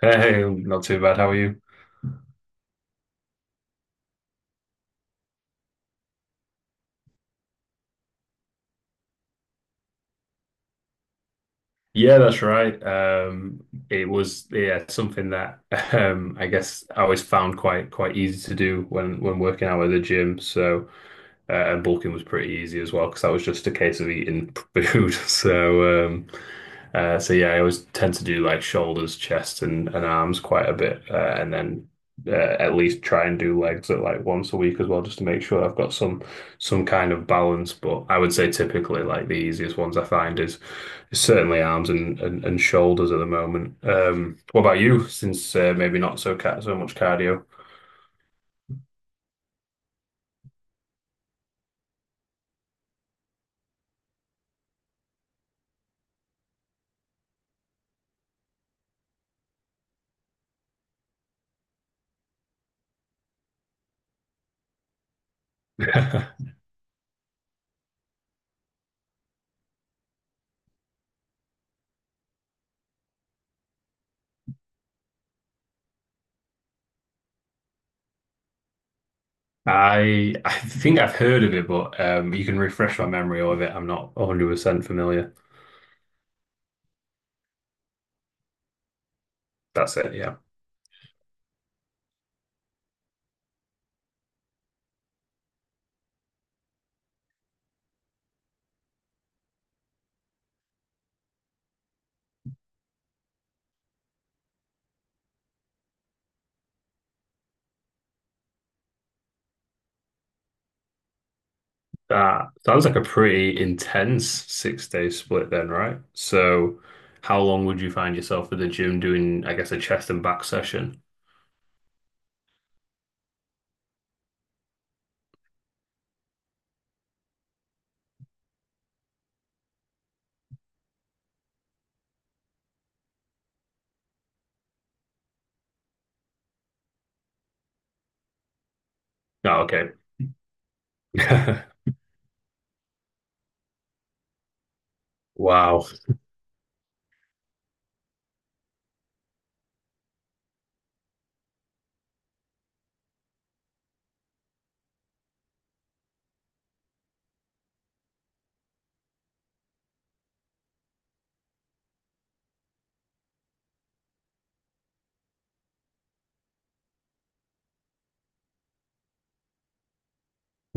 Hey, hey, not too bad. How are you? Yeah, that's right. It was yeah something that I guess I always found quite easy to do when working out at the gym. So and bulking was pretty easy as well because that was just a case of eating food. So, so yeah, I always tend to do like shoulders, chest, and arms quite a bit, and then at least try and do legs at like once a week as well, just to make sure I've got some kind of balance. But I would say typically like the easiest ones I find is certainly arms and shoulders at the moment. What about you? Since maybe not so ca so much cardio. I think I've heard of it, but you can refresh my memory of it. I'm not 100% familiar. That's it, yeah. That sounds like a pretty intense 6 day split then, right? So how long would you find yourself at the gym doing, I guess, a chest and back session? Oh, okay. Wow.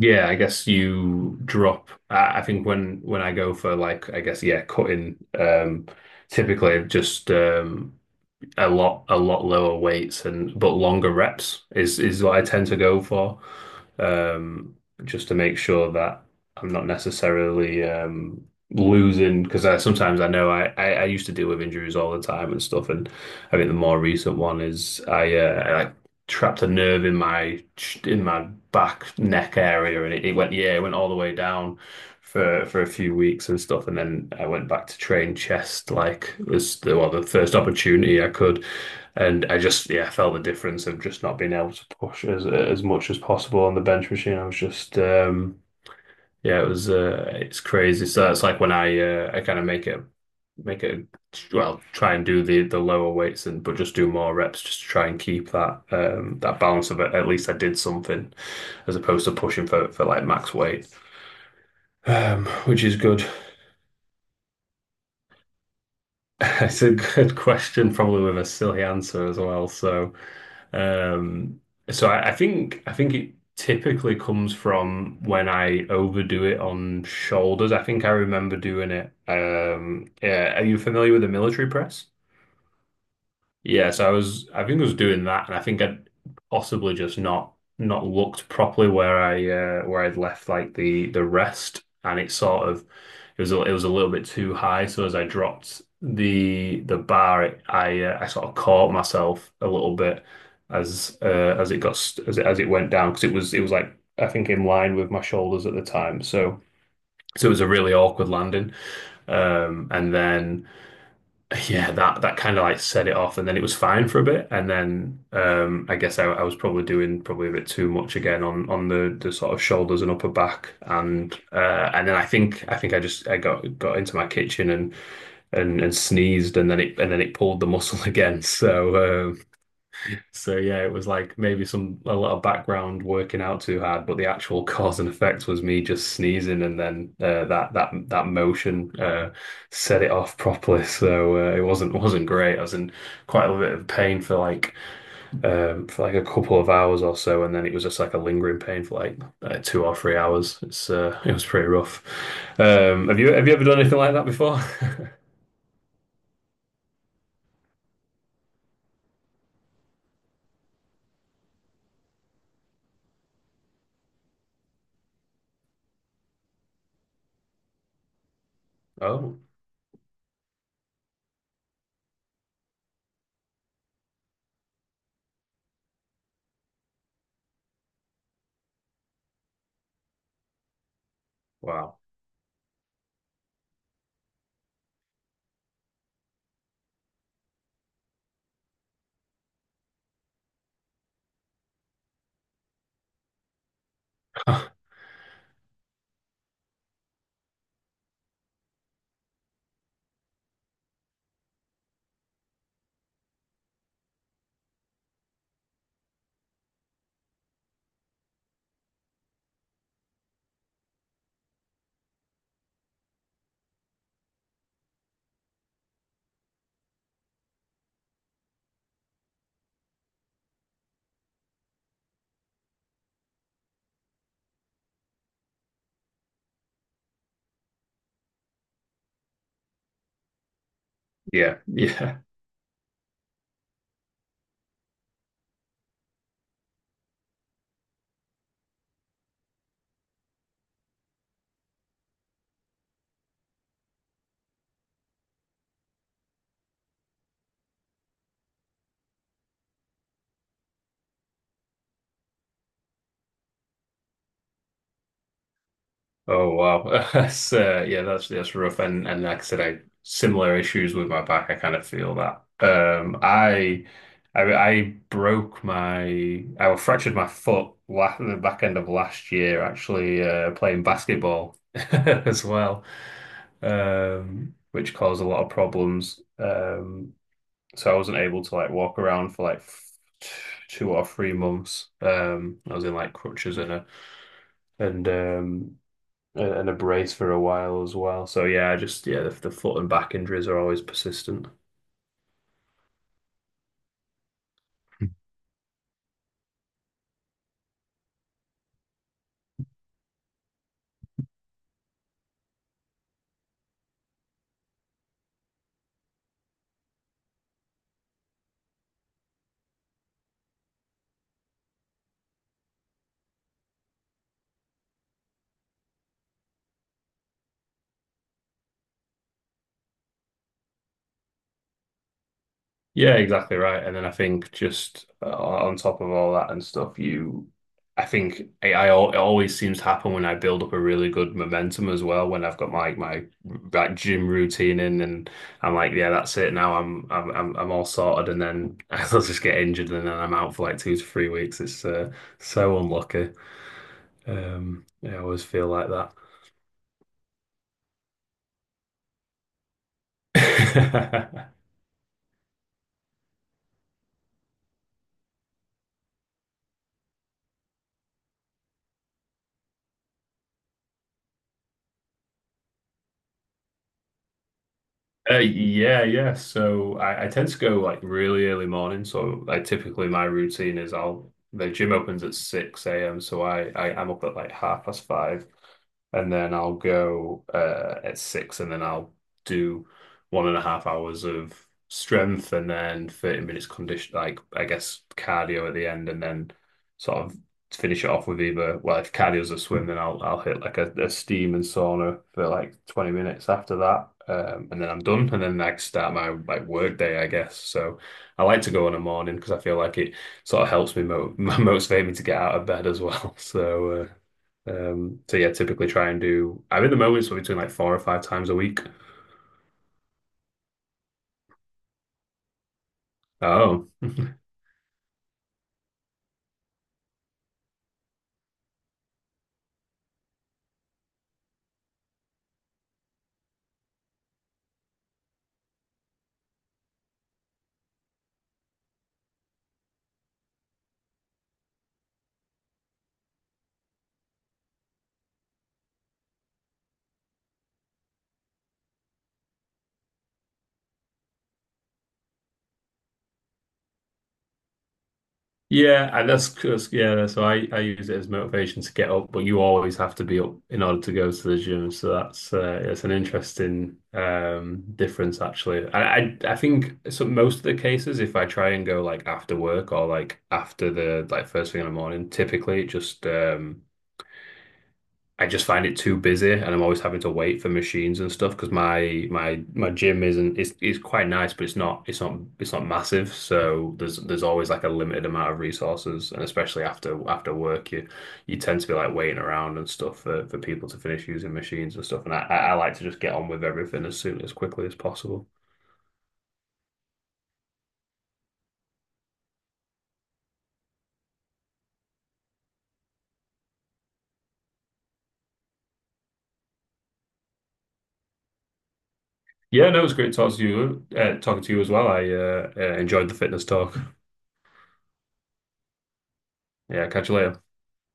Yeah, I guess you drop. I think when I go for like, I guess yeah, cutting. Typically I've just a lot lower weights and but longer reps is what I tend to go for. Um, just to make sure that I'm not necessarily losing because I sometimes I know I used to deal with injuries all the time and stuff and I think the more recent one is I like trapped a nerve in my in my back neck area and it went yeah it went all the way down for a few weeks and stuff, and then I went back to train chest like was the well the first opportunity I could, and I just yeah felt the difference of just not being able to push as much as possible on the bench machine. I was just yeah it was it's crazy. So that's like when I kind of make it well try and do the lower weights and but just do more reps just to try and keep that that balance of it. At least I did something as opposed to pushing for like max weight. Which is good. It's a good question, probably with a silly answer as well. So, um, so I think it typically comes from when I overdo it on shoulders. I think I remember doing it. Yeah, are you familiar with the military yeah, so I was, I think I was doing that, and I think I'd possibly just not looked properly where I where I'd left like the rest, and it sort of it was it was a little bit too high. So as I dropped the bar, I sort of caught myself a little bit as it got as it went down because it was like I think in line with my shoulders at the time. So so it was a really awkward landing, and then yeah, that that kind of like set it off, and then it was fine for a bit, and then I guess I was probably doing probably a bit too much again on the sort of shoulders and upper back, and then I think I just I got into my kitchen and sneezed, and then it pulled the muscle again. So um, so yeah, it was like maybe some a lot of background working out too hard, but the actual cause and effect was me just sneezing, and then that that motion set it off properly. So it wasn't great. I was in quite a bit of pain for like a couple of hours or so, and then it was just like a lingering pain for like 2 or 3 hours. It's it was pretty rough. Have you ever done anything like that before? Oh, wow. Yeah, yeah. Oh wow, that's yeah, that's rough. And like I said, I similar issues with my back. I kind of feel that. I broke I fractured my foot la the back end of last year, actually playing basketball as well, which caused a lot of problems. So I wasn't able to like walk around for like f 2 or 3 months. I was in like crutches and and um and a brace for a while as well. So yeah, just yeah, the foot and back injuries are always persistent. Yeah, exactly right. And then I think just on top of all that and stuff, you, I think it always seems to happen when I build up a really good momentum as well. When I've got my that gym routine in, and I'm like, yeah, that's it. Now I'm all sorted, and then I'll just get injured, and then I'm out for like 2 to 3 weeks. It's so unlucky. Yeah, I always feel like that. Yeah, yeah. So I tend to go like really early morning. So I typically my routine is I'll the gym opens at 6 a.m. So I'm up at like half past five, and then I'll go at six, and then I'll do one and a half hours of strength, and then 30 minutes condition like I guess cardio at the end, and then sort of finish it off with either, well, if cardio's a swim, then I'll hit like a steam and sauna for like 20 minutes after that. And then I'm done, and then I can start my like work day, I guess. So I like to go in the morning because I feel like it sort of helps me mo motivate me to get out of bed as well. So so yeah, typically try and do. I'm in the moment, so between like four or five times a week. Oh. Yeah, and that's yeah. that's- So I use it as motivation to get up, but you always have to be up in order to go to the gym. So that's it's an interesting difference actually. And I think so most of the cases, if I try and go like after work or like after the like first thing in the morning, typically it just. I just find it too busy, and I'm always having to wait for machines and stuff because my gym isn't it's quite nice, but it's not massive. So there's always like a limited amount of resources, and especially after work, you tend to be like waiting around and stuff for people to finish using machines and stuff. And I like to just get on with everything as soon as quickly as possible. Yeah, no, it was great talking to you, as well. I enjoyed the fitness talk. Yeah, catch you later.